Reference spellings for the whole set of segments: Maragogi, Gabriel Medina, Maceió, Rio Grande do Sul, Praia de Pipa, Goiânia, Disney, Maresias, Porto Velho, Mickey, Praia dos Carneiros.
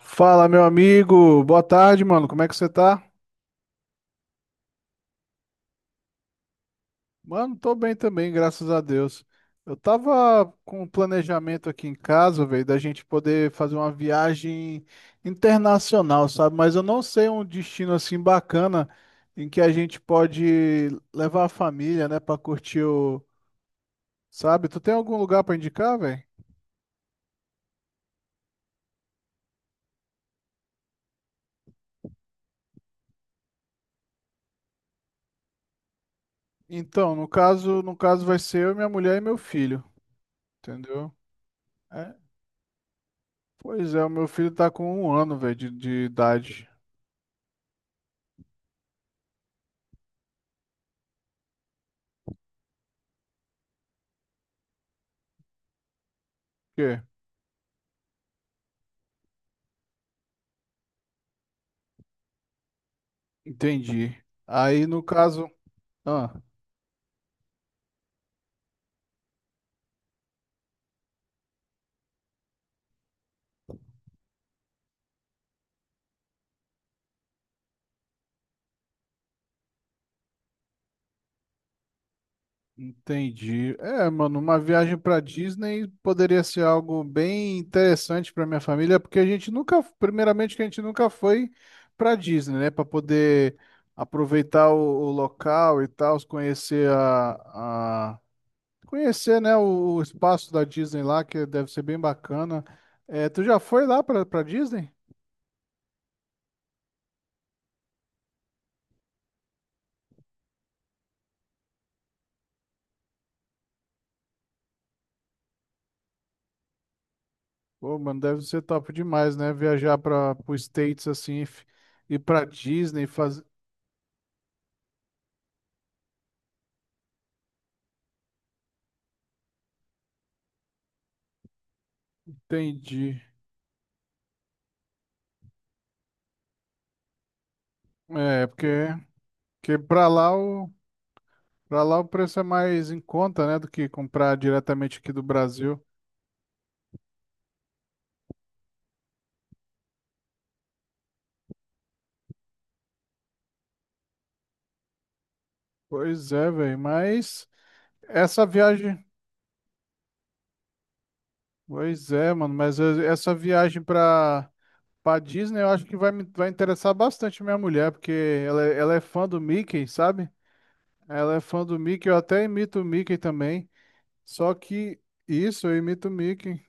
Fala, meu amigo. Boa tarde, mano. Como é que você tá? Mano, tô bem também, graças a Deus. Eu tava com um planejamento aqui em casa, velho, da gente poder fazer uma viagem internacional, sabe? Mas eu não sei um destino assim bacana em que a gente pode levar a família, né, pra curtir o, sabe? Tu tem algum lugar pra indicar, velho? Então, no caso vai ser eu, minha mulher e meu filho, entendeu? É, pois é, o meu filho tá com 1 ano, velho, de idade. Quê? Entendi. Aí no caso, ah, entendi. É, mano, uma viagem pra Disney poderia ser algo bem interessante pra minha família, porque a gente nunca, primeiramente que a gente nunca foi pra Disney, né, pra poder aproveitar o local e tal, conhecer a conhecer, né, o espaço da Disney lá, que deve ser bem bacana. É, tu já foi lá pra para Disney? Pô, mano, deve ser top demais, né? Viajar para os States assim, ir para Disney, fazer. Entendi. É, porque, porque para lá o preço é mais em conta, né, do que comprar diretamente aqui do Brasil. Pois é, velho, mas essa viagem, pois é, mano, mas essa viagem para Disney, eu acho que vai me vai interessar bastante minha mulher, porque ela, ela é fã do Mickey, sabe? Ela é fã do Mickey, eu até imito o Mickey também. Só que isso, eu imito o Mickey.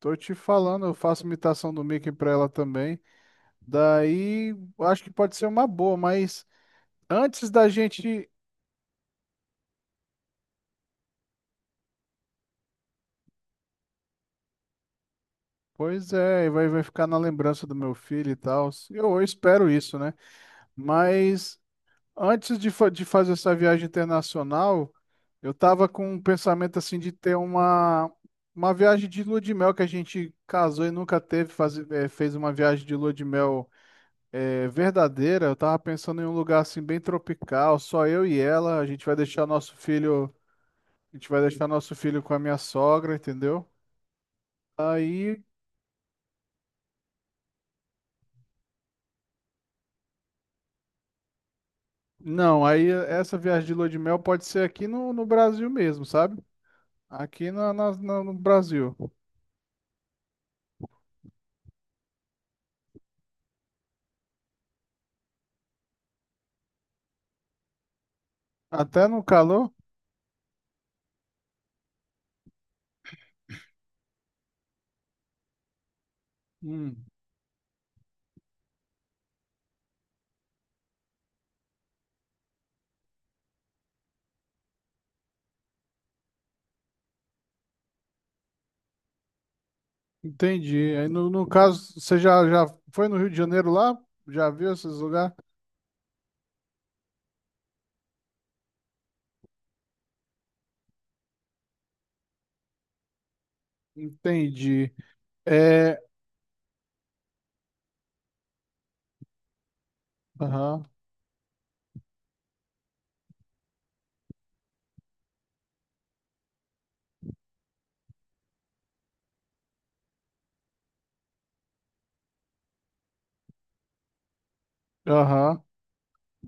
Tô te falando, eu faço imitação do Mickey pra ela também. Daí, acho que pode ser uma boa, mas antes da gente. Pois é, vai, vai ficar na lembrança do meu filho e tal. Eu espero isso, né? Mas antes de, de fazer essa viagem internacional, eu tava com um pensamento assim de ter uma viagem de lua de mel que a gente casou e nunca teve, fazer, fez uma viagem de lua de mel é verdadeira, eu tava pensando em um lugar assim bem tropical, só eu e ela, a gente vai deixar nosso filho, a gente vai deixar nosso filho com a minha sogra, entendeu? Aí, não, aí essa viagem de lua de mel pode ser aqui no, no Brasil mesmo, sabe? Aqui na, no Brasil. Até no calor? Hum, entendi. Aí no, no caso, você já, já foi no Rio de Janeiro lá? Já viu esses lugares? Entendi. É, aham, aham.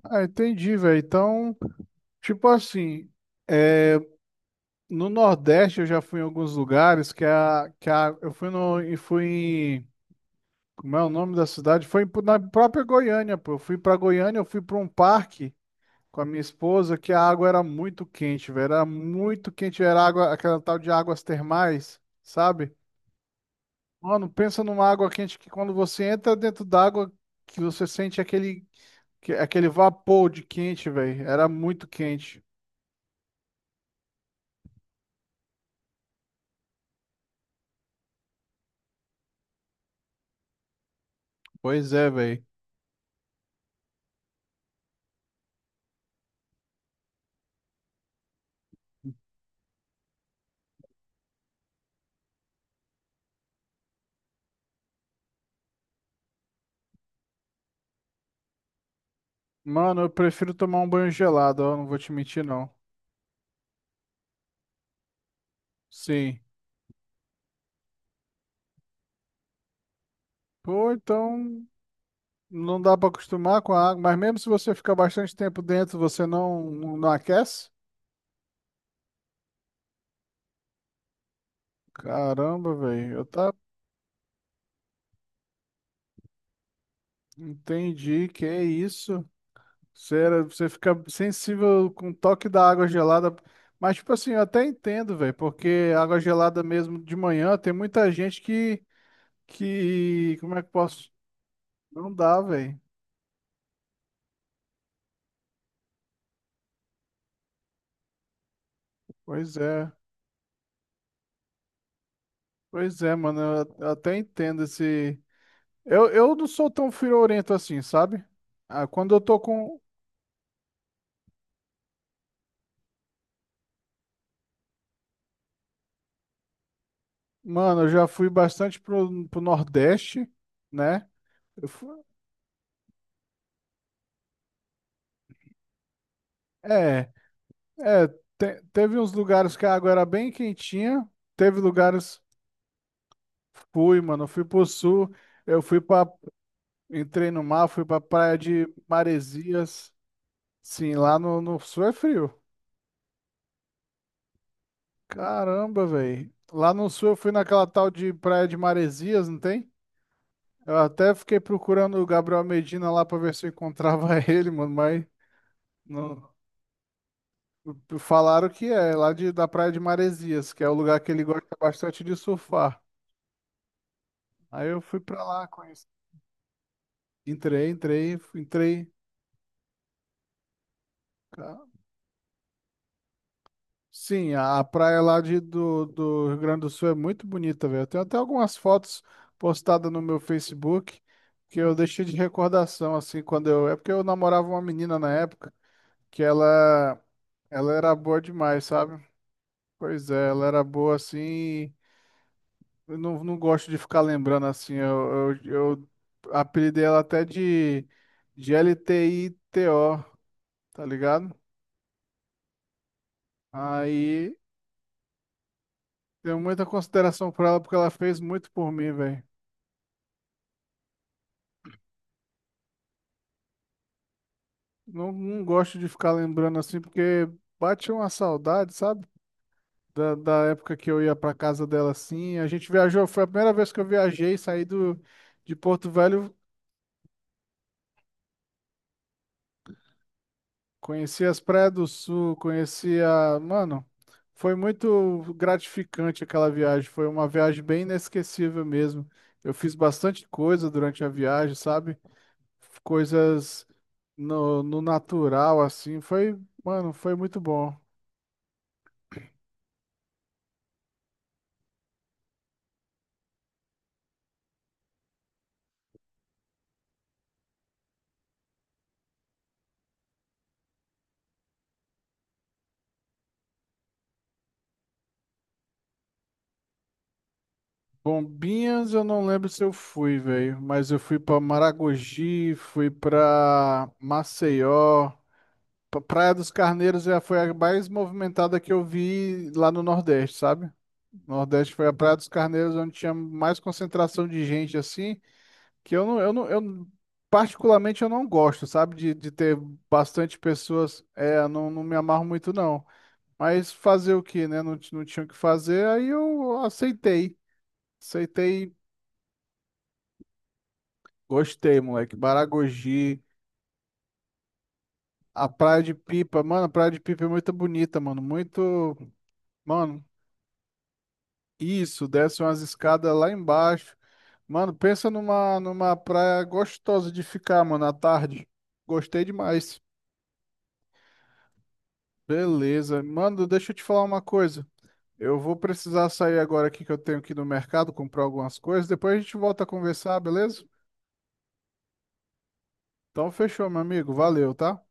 Ah, entendi, velho. Então, tipo assim, é, no Nordeste eu já fui em alguns lugares que a eu fui no e fui em, como é o nome da cidade? Foi na própria Goiânia, pô. Eu fui pra Goiânia, eu fui pra um parque com a minha esposa que a água era muito quente, velho. Era muito quente, era água, aquela tal de águas termais, sabe? Mano, pensa numa água quente que quando você entra dentro d'água que você sente aquele aquele vapor de quente, velho. Era muito quente. Pois é, velho. Mano, eu prefiro tomar um banho gelado, ó. Não vou te mentir, não. Sim. Pô, então não dá pra acostumar com a água. Mas mesmo se você ficar bastante tempo dentro, você não, não aquece? Caramba, velho. Eu tá. Entendi. Que é isso? Você, você fica sensível com o toque da água gelada. Mas, tipo assim, eu até entendo, velho. Porque água gelada mesmo de manhã, tem muita gente que. Que. Como é que posso? Não dá, velho. Pois é. Pois é, mano. Eu até entendo esse. Eu não sou tão friorento assim, sabe? Ah, quando eu tô com. Mano, eu já fui bastante pro, pro Nordeste, né? Eu fu- É, é. Teve uns lugares que a água era bem quentinha. Teve lugares. Fui, mano. Fui pro Sul. Eu fui pra. Entrei no mar, fui pra praia de Maresias. Sim, lá no, no Sul é frio. Caramba, velho. Lá no sul eu fui naquela tal de Praia de Maresias, não tem? Eu até fiquei procurando o Gabriel Medina lá pra ver se eu encontrava ele, mano, mas não. Falaram que é lá de, da Praia de Maresias, que é o lugar que ele gosta bastante de surfar. Aí eu fui pra lá, conheci. Entrei, entrei, entrei. Sim, a praia lá de, do, do Rio Grande do Sul é muito bonita, velho. Eu tenho até algumas fotos postadas no meu Facebook que eu deixei de recordação, assim, quando eu. É porque eu namorava uma menina na época que ela era boa demais, sabe? Pois é, ela era boa assim. Eu não, não gosto de ficar lembrando assim. Eu apelidei ela até de LTTITO, tá ligado? Aí tenho muita consideração por ela porque ela fez muito por mim, velho. Não, não gosto de ficar lembrando assim, porque bate uma saudade, sabe? Da, da época que eu ia pra casa dela assim. A gente viajou, foi a primeira vez que eu viajei, saí do, de Porto Velho, conheci as praias do Sul, conheci a. Mano, foi muito gratificante aquela viagem. Foi uma viagem bem inesquecível mesmo. Eu fiz bastante coisa durante a viagem, sabe? Coisas no, no natural, assim. Foi, mano, foi muito bom. Bombinhas, eu não lembro se eu fui, velho, mas eu fui pra Maragogi, fui pra Maceió, pra Praia dos Carneiros já foi a mais movimentada que eu vi lá no Nordeste, sabe? Nordeste foi a Praia dos Carneiros onde tinha mais concentração de gente assim, que eu não, particularmente eu não gosto, sabe? De ter bastante pessoas, é, eu não, não me amarro muito não. Mas fazer o quê, né? Não, não tinha o que fazer, aí eu aceitei. Aceitei gostei, moleque. Baragogi, a Praia de Pipa. Mano, a Praia de Pipa é muito bonita, mano. Muito. Mano, isso, desce umas escadas lá embaixo. Mano, pensa numa, numa praia gostosa de ficar, mano, à tarde. Gostei demais. Beleza. Mano, deixa eu te falar uma coisa. Eu vou precisar sair agora aqui que eu tenho que ir no mercado comprar algumas coisas. Depois a gente volta a conversar, beleza? Então fechou, meu amigo. Valeu, tá?